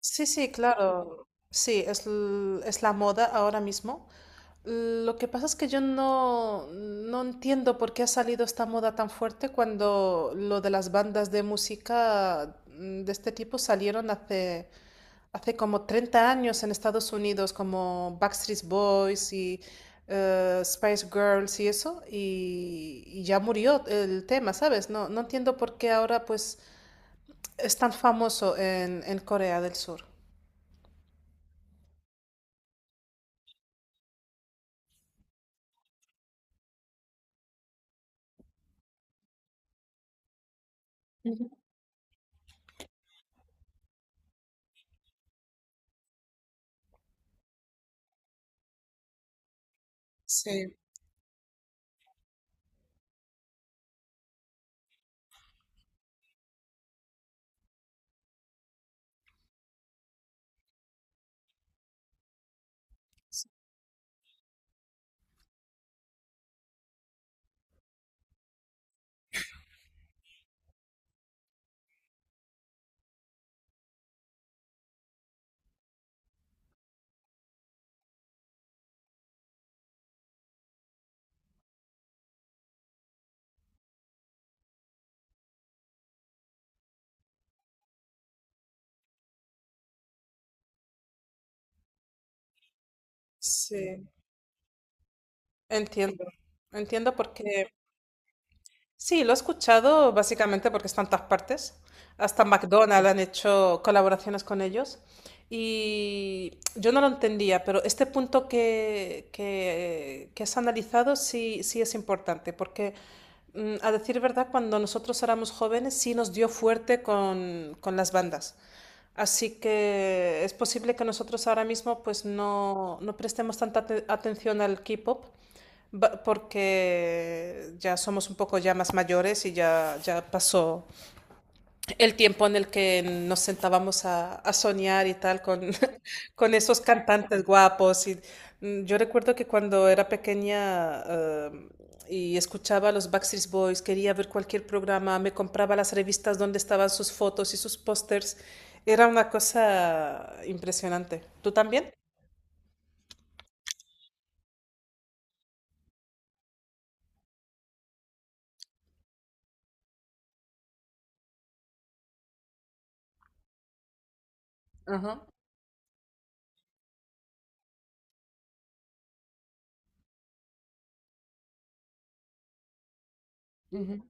Sí, sí, claro. Sí, es la moda ahora mismo. Lo que pasa es que yo no entiendo por qué ha salido esta moda tan fuerte cuando lo de las bandas de música de este tipo salieron hace como 30 años en Estados Unidos, como Backstreet Boys y Spice Girls y eso, y ya murió el tema, ¿sabes? No entiendo por qué ahora pues es tan famoso en Corea del Sur. Sí, sí, entiendo. Entiendo porque sí, lo he escuchado básicamente porque está en todas partes. Hasta McDonald's han hecho colaboraciones con ellos. Y yo no lo entendía, pero este punto que has analizado sí, sí es importante, porque a decir verdad, cuando nosotros éramos jóvenes sí nos dio fuerte con las bandas. Así que es posible que nosotros ahora mismo pues no prestemos tanta atención al K-pop porque ya somos un poco ya más mayores y ya pasó, el tiempo en el que nos sentábamos a soñar y tal con, con esos cantantes guapos. Yo recuerdo que cuando era pequeña y escuchaba a los Backstreet Boys, quería ver cualquier programa, me compraba las revistas donde estaban sus fotos y sus pósters. Era una cosa impresionante. ¿Tú también? Ajá, ujú.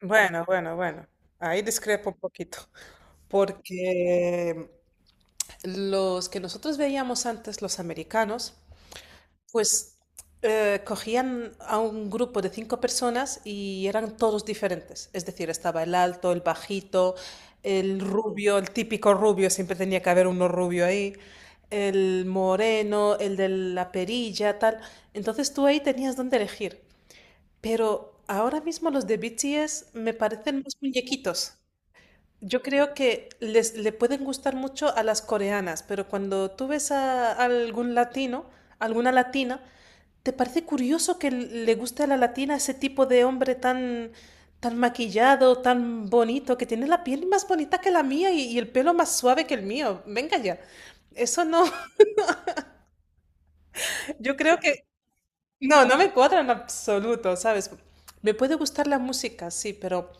Bueno, bueno, bueno. Ahí discrepo un poquito. Porque los que nosotros veíamos antes, los americanos, pues cogían a un grupo de 5 personas y eran todos diferentes. Es decir, estaba el alto, el bajito, el rubio, el típico rubio, siempre tenía que haber uno rubio ahí, el moreno, el de la perilla, tal. Entonces tú ahí tenías dónde elegir. Pero ahora mismo los de BTS me parecen más muñequitos. Yo creo que les le pueden gustar mucho a las coreanas, pero cuando tú ves a algún latino, alguna latina, ¿te parece curioso que le guste a la latina ese tipo de hombre tan, tan maquillado, tan bonito, que tiene la piel más bonita que la mía y el pelo más suave que el mío? Venga ya. Eso no, yo creo que no, no me cuadra en absoluto, ¿sabes? Me puede gustar la música, sí,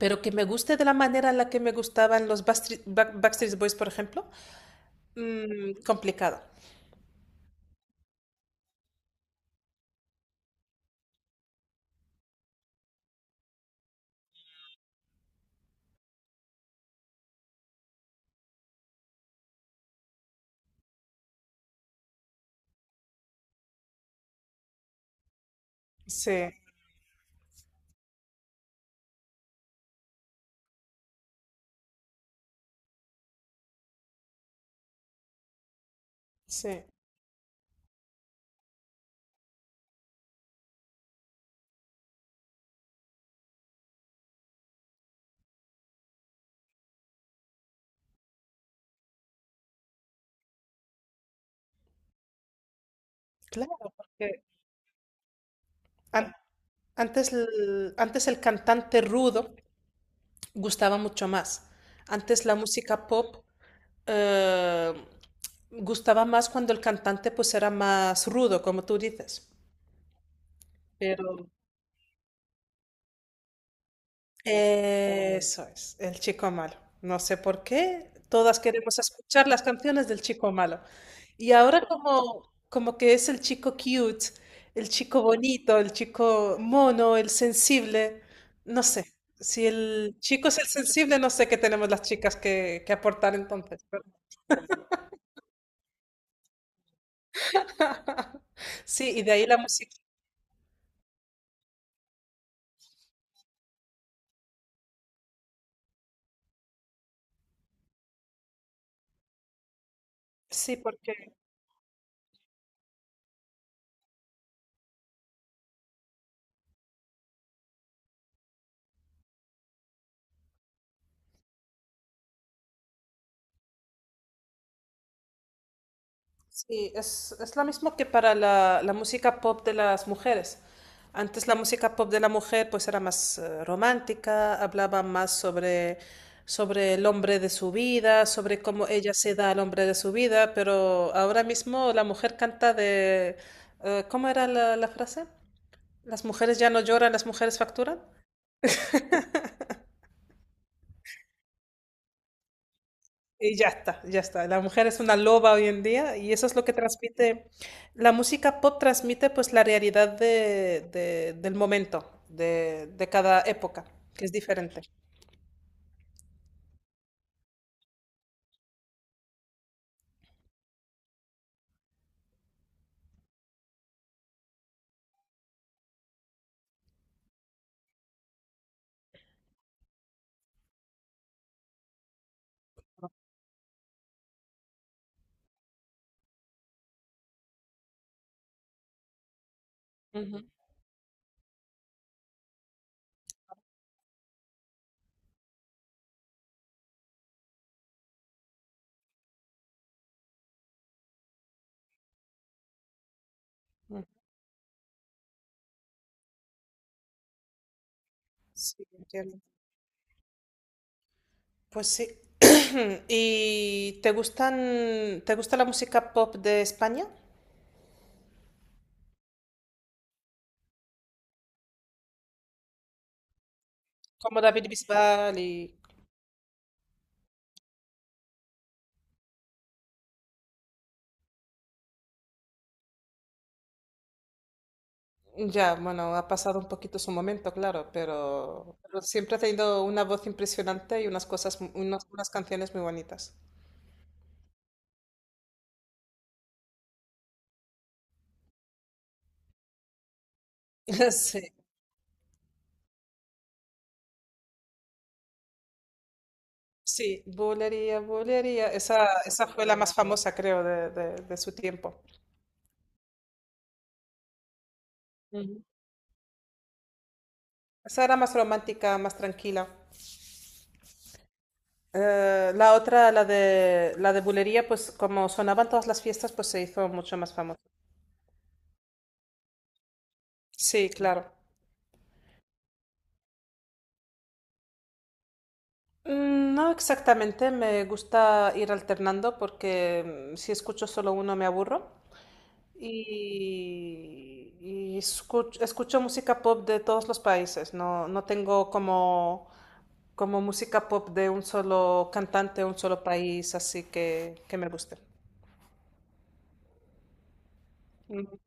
pero que me guste de la manera en la que me gustaban los Backstreet Boys, por ejemplo, mm, complicado. Sí, sí. Claro, porque an- antes el cantante rudo gustaba mucho más. Antes la música pop eh, gustaba más cuando el cantante pues era más rudo, como tú dices. Pero eso es, el chico malo. No sé por qué, todas queremos escuchar las canciones del chico malo. Y ahora como, como que es el chico cute, el chico bonito, el chico mono, el sensible, no sé. Si el chico es el sensible, no sé qué tenemos las chicas que aportar entonces. Sí, y de ahí la música, sí, porque sí, es lo mismo que para la música pop de las mujeres. Antes la música pop de la mujer pues era más romántica, hablaba más sobre, sobre el hombre de su vida, sobre cómo ella se da al hombre de su vida, pero ahora mismo la mujer canta de... ¿cómo era la frase? ¿Las mujeres ya no lloran, las mujeres facturan? Y ya está, ya está. La mujer es una loba hoy en día y eso es lo que transmite, la música pop transmite pues la realidad del momento, de cada época, que es diferente. Ujú, ujú. Sí, entiendo. Pues sí. ¿Y te gustan, te gusta la música pop de España? Como David Bisbal y... Ya, bueno, ha pasado un poquito su momento, claro, pero siempre ha tenido una voz impresionante y unas cosas, unas, unas canciones muy bonitas. Sí, sí, Bulería, Bulería. Esa fue la más famosa, creo, de su tiempo. Ujú. Esa era más romántica, más tranquila. La otra, la de Bulería, pues como sonaban todas las fiestas, pues se hizo mucho más famosa. Sí, claro. Mm, no exactamente, me gusta ir alternando porque mm, si escucho solo uno me aburro. Y escucho música pop de todos los países. No, no tengo como, como música pop de un solo cantante, un solo país, así que me guste. Ujú,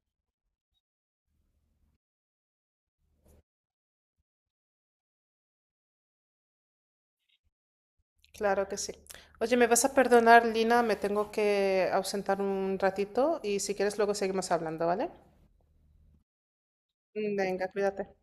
claro que sí. Oye, ¿me vas a perdonar, Lina? Me tengo que ausentar un ratito y si quieres luego seguimos hablando, ¿vale? Venga, cuídate.